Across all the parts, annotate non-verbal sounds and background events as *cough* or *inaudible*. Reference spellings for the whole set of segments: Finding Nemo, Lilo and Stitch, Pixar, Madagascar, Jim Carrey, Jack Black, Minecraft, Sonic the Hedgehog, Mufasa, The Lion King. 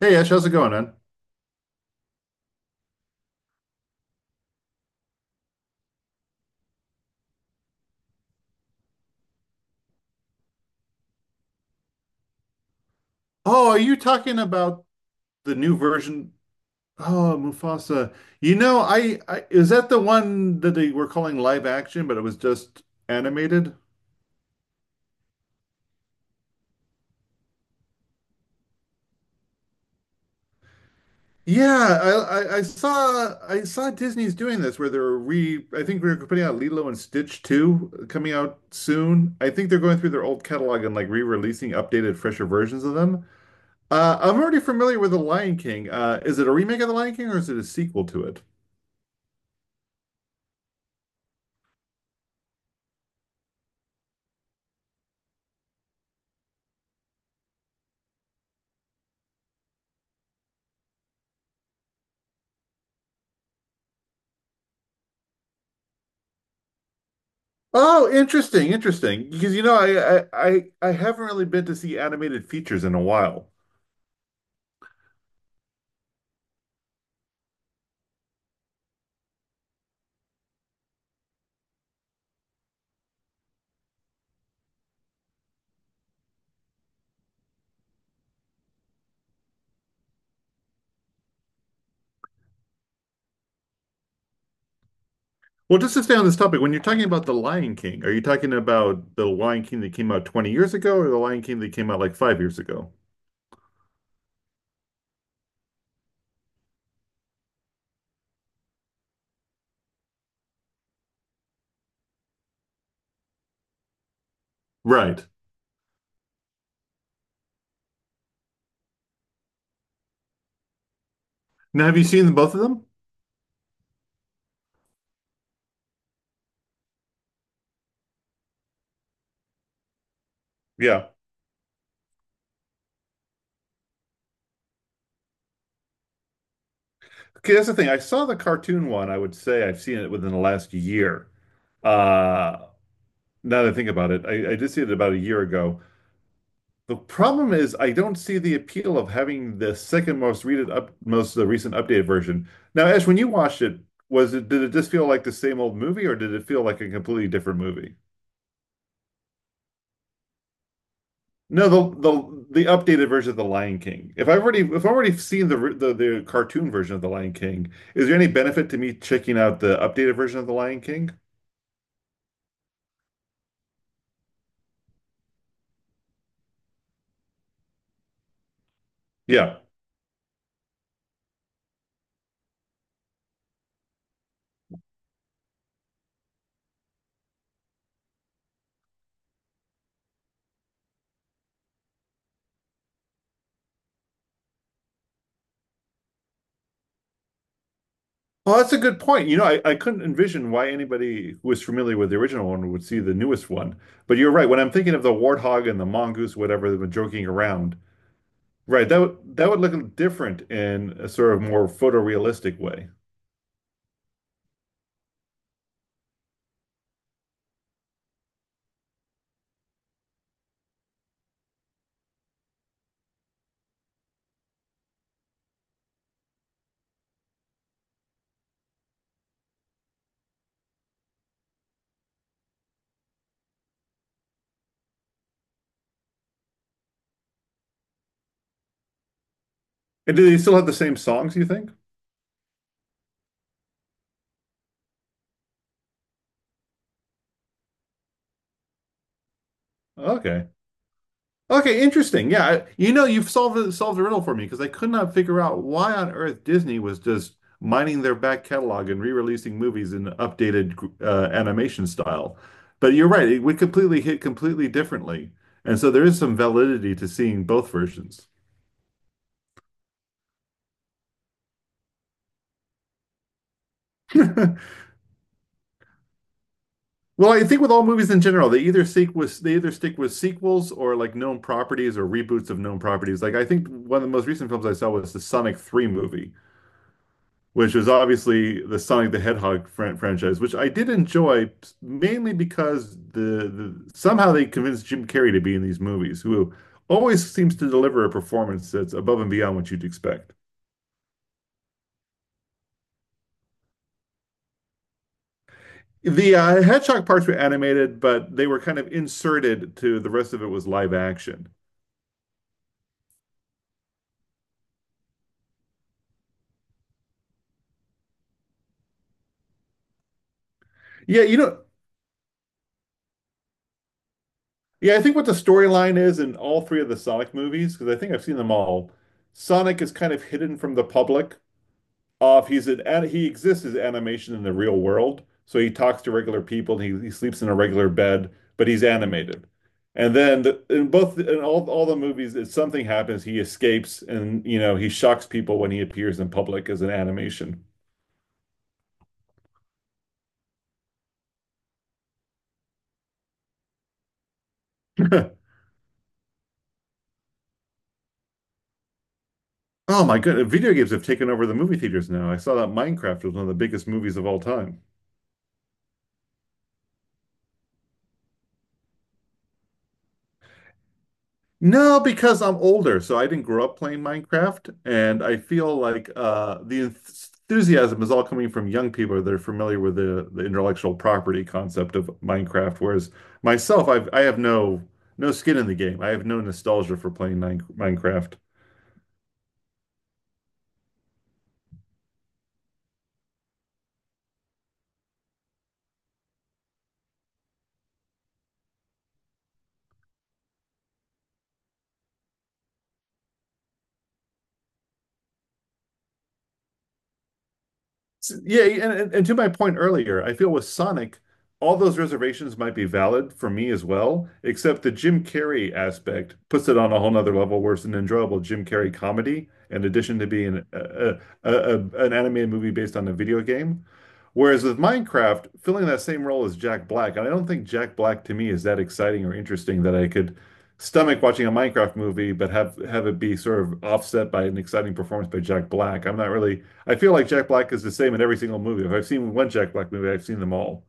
Hey Ash, how's it going, man? Oh, are you talking about the new version? Oh, Mufasa. You know, I is that the one that they were calling live action, but it was just animated? Yeah, I saw Disney's doing this where they're re I think we're putting out Lilo and Stitch 2 coming out soon. I think they're going through their old catalog and like re-releasing updated, fresher versions of them. I'm already familiar with The Lion King. Is it a remake of The Lion King or is it a sequel to? Oh, interesting, interesting. Because I haven't really been to see animated features in a while. Well, just to stay on this topic, when you're talking about The Lion King, are you talking about The Lion King that came out 20 years ago or The Lion King that came out like 5 years ago? Right. Now, have you seen both of them? Yeah. Okay, that's the thing. I saw the cartoon one. I would say I've seen it within the last year. Uh, Now that I think about it, I did see it about a year ago. The problem is I don't see the appeal of having the second most readed up most the recent updated version. Now, Ash, when you watched it, was it did it just feel like the same old movie or did it feel like a completely different movie? No, the updated version of The Lion King. If I've already seen the cartoon version of The Lion King, is there any benefit to me checking out the updated version of The Lion King? Yeah. Well, that's a good point. You know, I couldn't envision why anybody who is familiar with the original one would see the newest one. But you're right. When I'm thinking of the warthog and the mongoose, whatever they've been joking around, right, that would look different in a sort of more photorealistic way. And do they still have the same songs, you think? Okay. Okay, interesting. Yeah, you know, you've solved the riddle for me because I could not figure out why on earth Disney was just mining their back catalog and re-releasing movies in updated animation style. But you're right; it would completely differently, and so there is some validity to seeing both versions. Well, I think with all movies in general, they either stick with sequels or like known properties or reboots of known properties. Like I think one of the most recent films I saw was the Sonic 3 movie, which was obviously the Sonic the Hedgehog franchise, which I did enjoy mainly because the somehow they convinced Jim Carrey to be in these movies, who always seems to deliver a performance that's above and beyond what you'd expect. The Hedgehog parts were animated, but they were kind of inserted to the rest of it was live action. Yeah, you know, yeah, I think what the storyline is in all three of the Sonic movies, because I think I've seen them all, Sonic is kind of hidden from the public off. He exists as animation in the real world, so he talks to regular people. And he sleeps in a regular bed, but he's animated. And then in both in all the movies, if something happens, he escapes, and you know he shocks people when he appears in public as an animation. *laughs* Oh my goodness, video games have taken over the movie theaters now. I saw that Minecraft was one of the biggest movies of all time. No, because I'm older, so I didn't grow up playing Minecraft, and I feel like the enthusiasm is all coming from young people that are familiar with the intellectual property concept of Minecraft. Whereas myself, I have no skin in the game. I have no nostalgia for playing Minecraft. Yeah, and to my point earlier, I feel with Sonic, all those reservations might be valid for me as well, except the Jim Carrey aspect puts it on a whole nother level where it's an enjoyable Jim Carrey comedy, in addition to being an animated movie based on a video game. Whereas with Minecraft, filling that same role as Jack Black, and I don't think Jack Black to me is that exciting or interesting that I could stomach watching a Minecraft movie, but have it be sort of offset by an exciting performance by Jack Black. I'm not really, I feel like Jack Black is the same in every single movie. If I've seen one Jack Black movie, I've seen them all.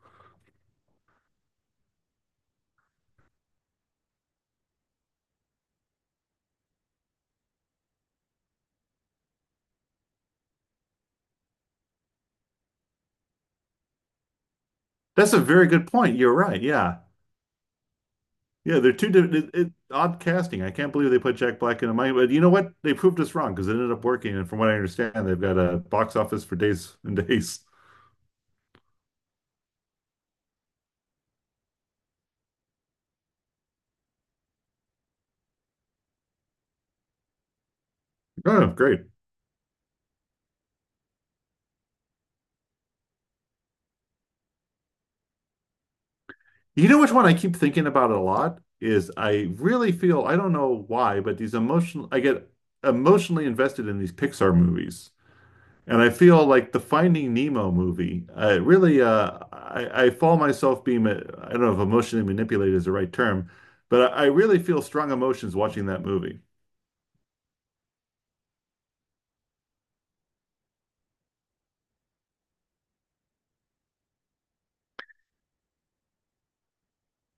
That's a very good point. You're right. Yeah. Yeah, they're two different odd casting. I can't believe they put Jack Black in a Minecraft. But you know what? They proved us wrong because it ended up working. And from what I understand, they've got a box office for days and days. *laughs* Oh, great. You know which one I keep thinking about a lot is I really feel I don't know why, but these emotional I get emotionally invested in these Pixar movies. And I feel like the Finding Nemo movie, I really I fall myself being I don't know if emotionally manipulated is the right term, but I really feel strong emotions watching that movie.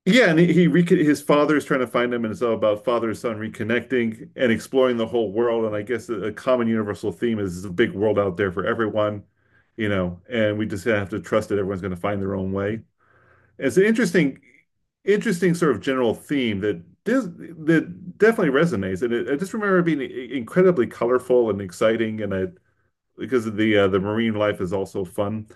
Yeah, and he recon his father is trying to find him, and it's all about father and son reconnecting and exploring the whole world. And I guess a common universal theme is there's a big world out there for everyone, you know, and we just have to trust that everyone's going to find their own way. It's an interesting, interesting sort of general theme that dis that definitely resonates. And I just remember it being incredibly colorful and exciting, and I because of the marine life is also fun.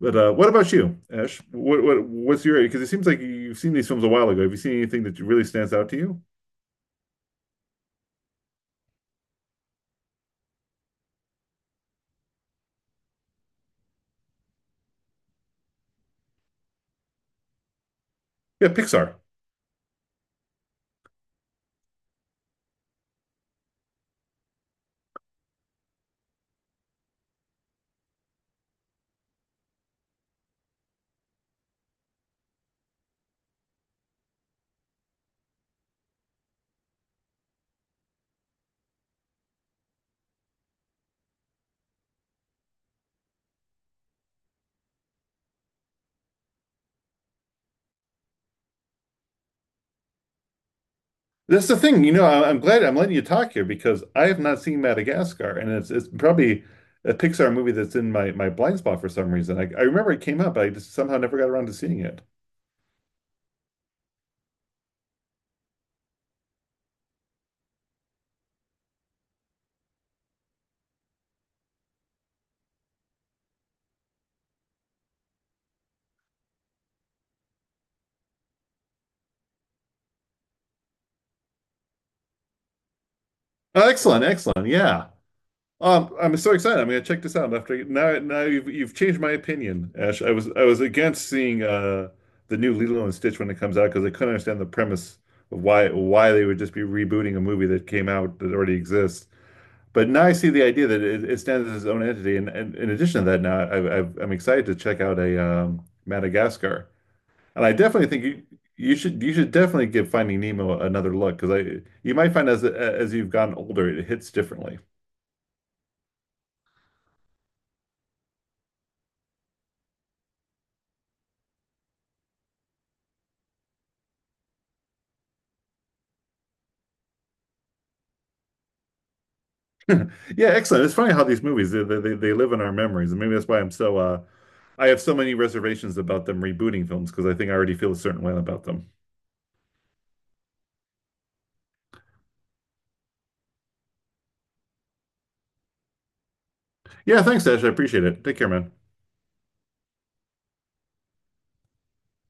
But what about you, Ash? What's your because it seems like you've seen these films a while ago. Have you seen anything that really stands out to you? Yeah, Pixar. That's the thing. You know, I'm glad I'm letting you talk here because I have not seen Madagascar, and it's probably a Pixar movie that's in my blind spot for some reason. I remember it came up, but I just somehow never got around to seeing it. Oh, excellent, excellent. Yeah. I'm so excited. I'm gonna check this out after now. You've changed my opinion, Ash. I was against seeing the new Lilo and Stitch when it comes out because I couldn't understand the premise of why they would just be rebooting a movie that came out that already exists. But now I see the idea that it stands as its own entity. And, in addition to that, now I'm excited to check out a Madagascar. And I definitely think you should definitely give Finding Nemo another look because I you might find as you've gotten older it hits differently. Yeah, excellent. It's funny how these movies they live in our memories, and maybe that's why I'm so I have so many reservations about them rebooting films because I think I already feel a certain way about them. Yeah, thanks, Ash. I appreciate it. Take care, man.